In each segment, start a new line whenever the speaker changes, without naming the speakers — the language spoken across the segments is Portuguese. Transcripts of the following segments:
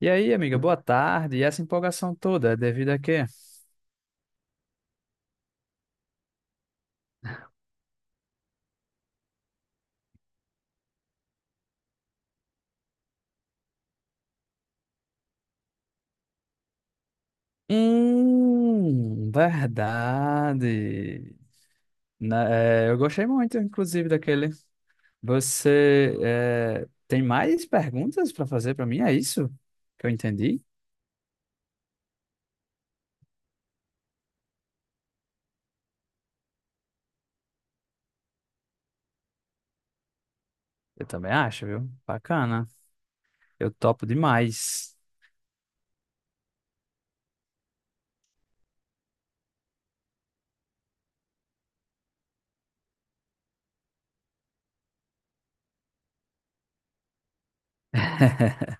E aí, amiga, boa tarde. E essa empolgação toda é devido a quê? Verdade. Eu gostei muito, inclusive, daquele. Você tem mais perguntas para fazer para mim? É isso que eu entendi? Eu também acho, viu? Bacana. Eu topo demais.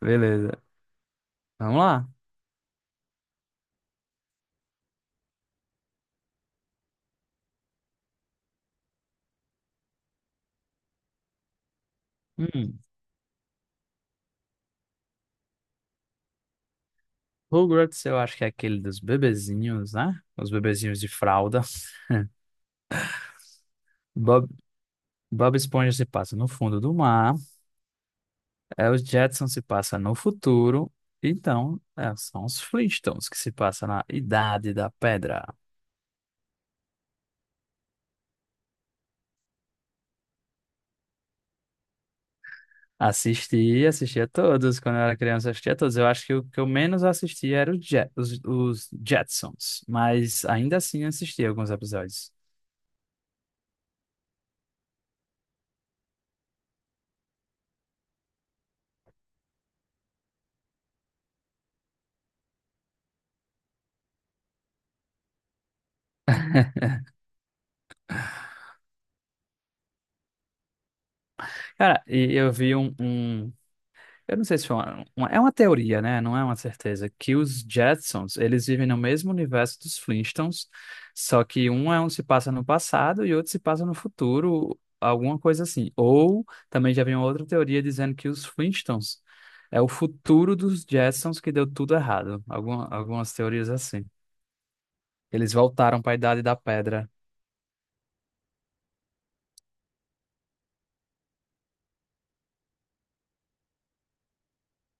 Beleza. Vamos lá. Hum, Rugrats, eu acho que é aquele dos bebezinhos, né? Os bebezinhos de fralda. Bob Esponja se passa no fundo do mar, os Jetsons se passa no futuro, então são os Flintstones que se passa na Idade da Pedra. Assisti, assistia todos, quando eu era criança eu assistia todos, eu acho que o que eu menos assistia era os Jetsons, mas ainda assim assistia alguns episódios. Cara, e eu vi um. Eu não sei se foi é uma teoria, né? Não é uma certeza. Que os Jetsons, eles vivem no mesmo universo dos Flintstones, só que um se passa no passado e outro se passa no futuro, alguma coisa assim. Ou também já vem outra teoria dizendo que os Flintstones é o futuro dos Jetsons que deu tudo errado. Algumas teorias assim. Eles voltaram para a Idade da Pedra.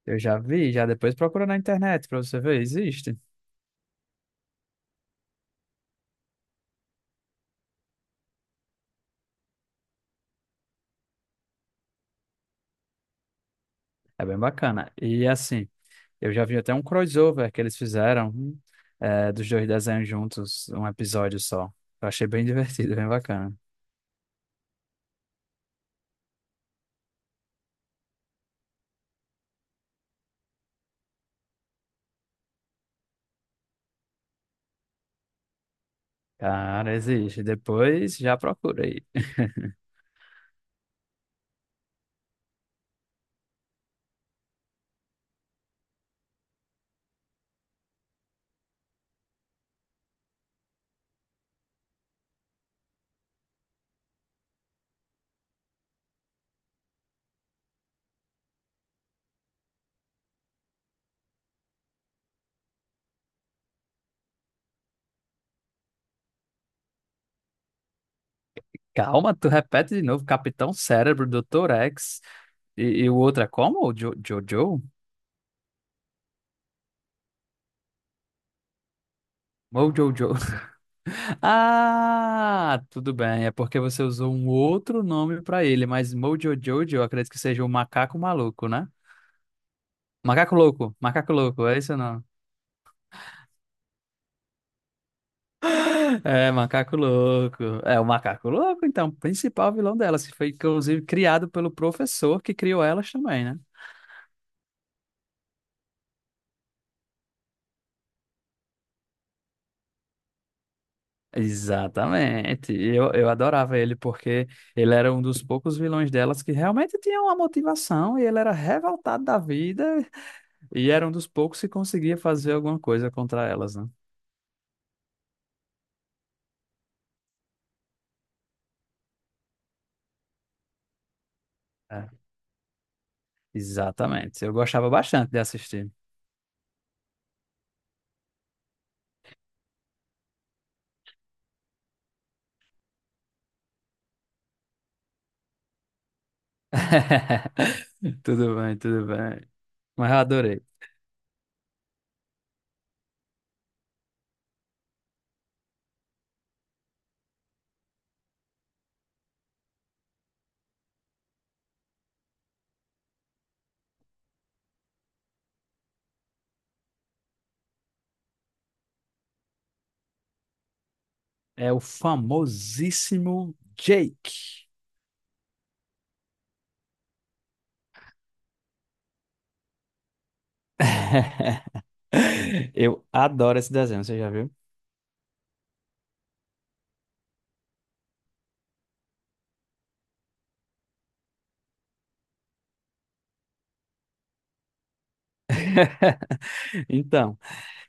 Eu já vi, já depois procura na internet para você ver, existe. É bem bacana. E assim, eu já vi até um crossover que eles fizeram, dos dois desenhos juntos, um episódio só. Eu achei bem divertido, bem bacana. Cara, existe. Depois já procura aí. Calma, tu repete de novo. Capitão Cérebro, Doutor X. E, e o outro é como? O Jojo? Mojojo. Ah, tudo bem. É porque você usou um outro nome pra ele, mas Mojo Jojo, eu acredito que seja o macaco maluco, né? Macaco louco, é isso ou não? É, macaco louco. É o macaco louco, então, principal vilão delas, que foi inclusive criado pelo professor que criou elas também, né? Exatamente. E eu adorava ele porque ele era um dos poucos vilões delas que realmente tinha uma motivação e ele era revoltado da vida e era um dos poucos que conseguia fazer alguma coisa contra elas, né? É, exatamente. Eu gostava bastante de assistir. Tudo bem, tudo bem. Mas eu adorei. É o famosíssimo Jake. Eu adoro esse desenho, você já viu? Então,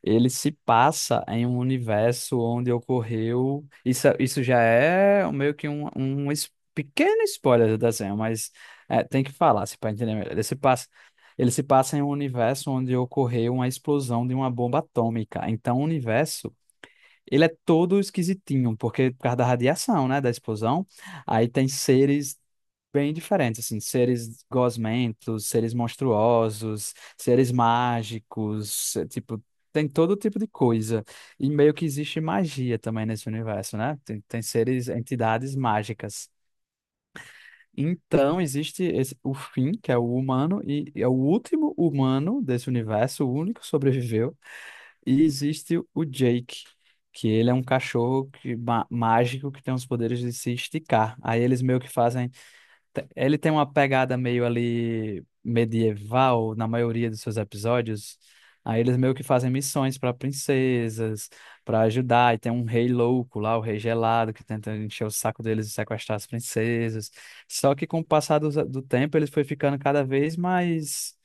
ele se passa em um universo onde ocorreu. Isso já é meio que um pequeno spoiler do desenho, mas tem que falar se para entender melhor. Ele se passa em um universo onde ocorreu uma explosão de uma bomba atômica. Então, o universo ele é todo esquisitinho, porque por causa da radiação, né, da explosão, aí tem seres bem diferentes, assim, seres gosmentos, seres monstruosos, seres mágicos, tipo, tem todo tipo de coisa. E meio que existe magia também nesse universo, né? Tem seres, entidades mágicas. Então existe o fim, que é o humano, e é o último humano desse universo, o único que sobreviveu e existe o Jake, que ele é um cachorro mágico que tem os poderes de se esticar. Aí eles meio que fazem. Ele tem uma pegada meio ali medieval na maioria dos seus episódios. Aí eles meio que fazem missões para princesas, para ajudar. E tem um rei louco lá, o rei gelado, que tenta encher o saco deles e sequestrar as princesas. Só que com o passar do tempo, ele foi ficando cada vez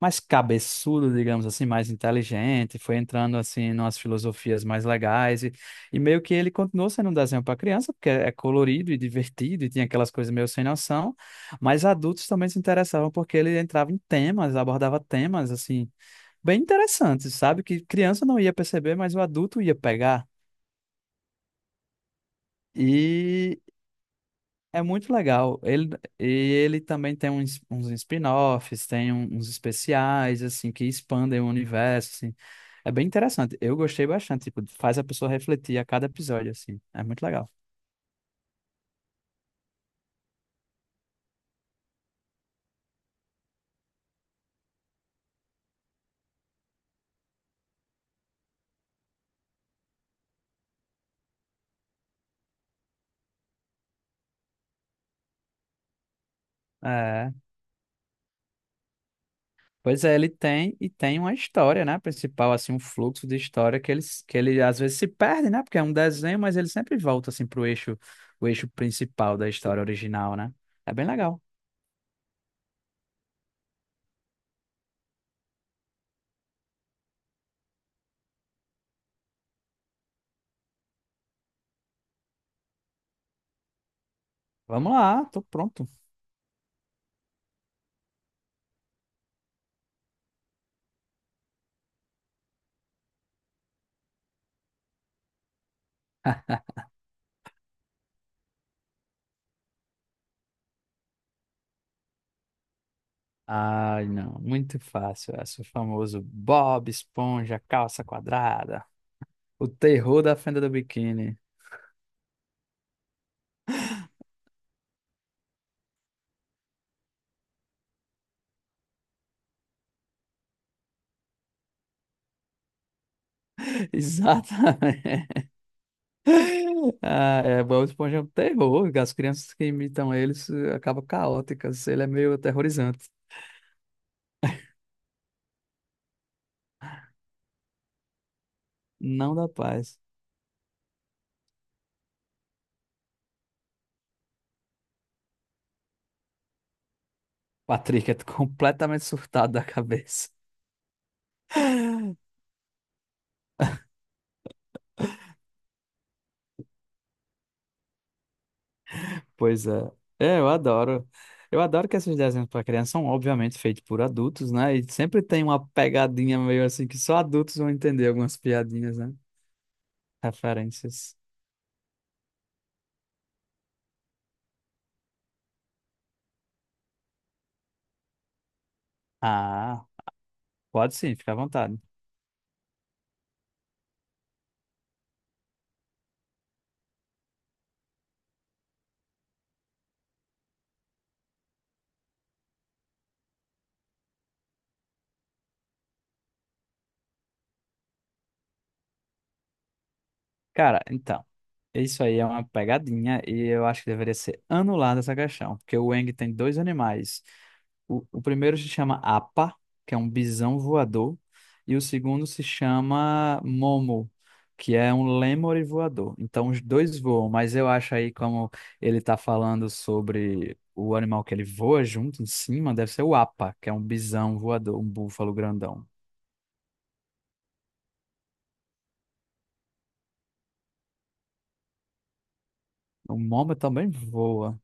mais cabeçudo, digamos assim, mais inteligente, foi entrando assim numas filosofias mais legais e meio que ele continuou sendo um desenho para criança, porque é colorido e divertido e tinha aquelas coisas meio sem noção, mas adultos também se interessavam porque ele entrava em temas, abordava temas assim bem interessantes, sabe? Que criança não ia perceber, mas o adulto ia pegar. E É muito legal. E ele também tem uns spin-offs, tem uns especiais, assim, que expandem o universo, assim. É bem interessante. Eu gostei bastante, tipo, faz a pessoa refletir a cada episódio, assim. É muito legal. É. Pois é, ele tem, e tem uma história, né, principal, assim, um fluxo de história que ele às vezes se perde, né, porque é um desenho, mas ele sempre volta, assim, pro eixo, o eixo principal da história original, né? É bem legal. Vamos lá, tô pronto. Ai, não, muito fácil essa. O famoso Bob Esponja, calça quadrada. O terror da fenda do biquíni. Exatamente. Ah, é, Bob Esponja é um terror. As crianças que imitam eles acabam caóticas. Ele é meio aterrorizante. Não dá paz. Patrick é completamente surtado da cabeça. Pois é. É, eu adoro. Eu adoro que esses desenhos para criança são obviamente feitos por adultos, né? E sempre tem uma pegadinha meio assim que só adultos vão entender algumas piadinhas, né? Referências. Ah, pode sim, fica à vontade. Cara, então, isso aí é uma pegadinha e eu acho que deveria ser anulada essa questão, porque o Wang tem dois animais. O primeiro se chama Apa, que é um bisão voador, e o segundo se chama Momo, que é um lêmure voador. Então, os dois voam, mas eu acho aí como ele está falando sobre o animal que ele voa junto em cima, deve ser o Apa, que é um bisão voador, um búfalo grandão. O Momo também voa,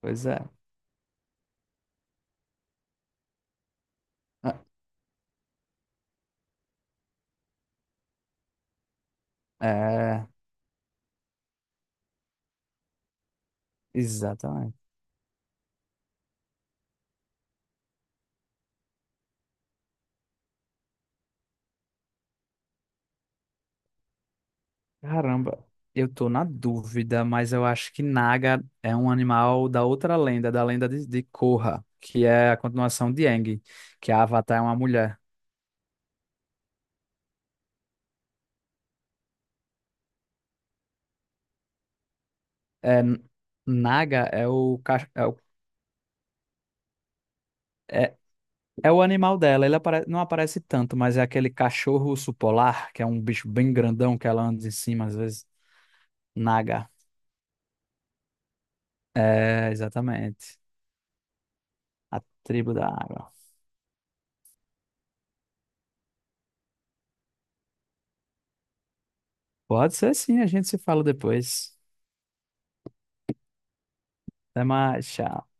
pois é. É. Exatamente. Caramba, eu tô na dúvida, mas eu acho que Naga é um animal da outra lenda, da lenda de Korra, que é a continuação de Aang, que a Avatar é uma mulher. É, N- Naga é o, ca- é, o- é, é o animal dela, ele não aparece tanto, mas é aquele cachorro urso polar, que é um bicho bem grandão que ela anda em cima às vezes. Naga. É, exatamente. A tribo da água. Pode ser sim, a gente se fala depois. Até mais, tchau.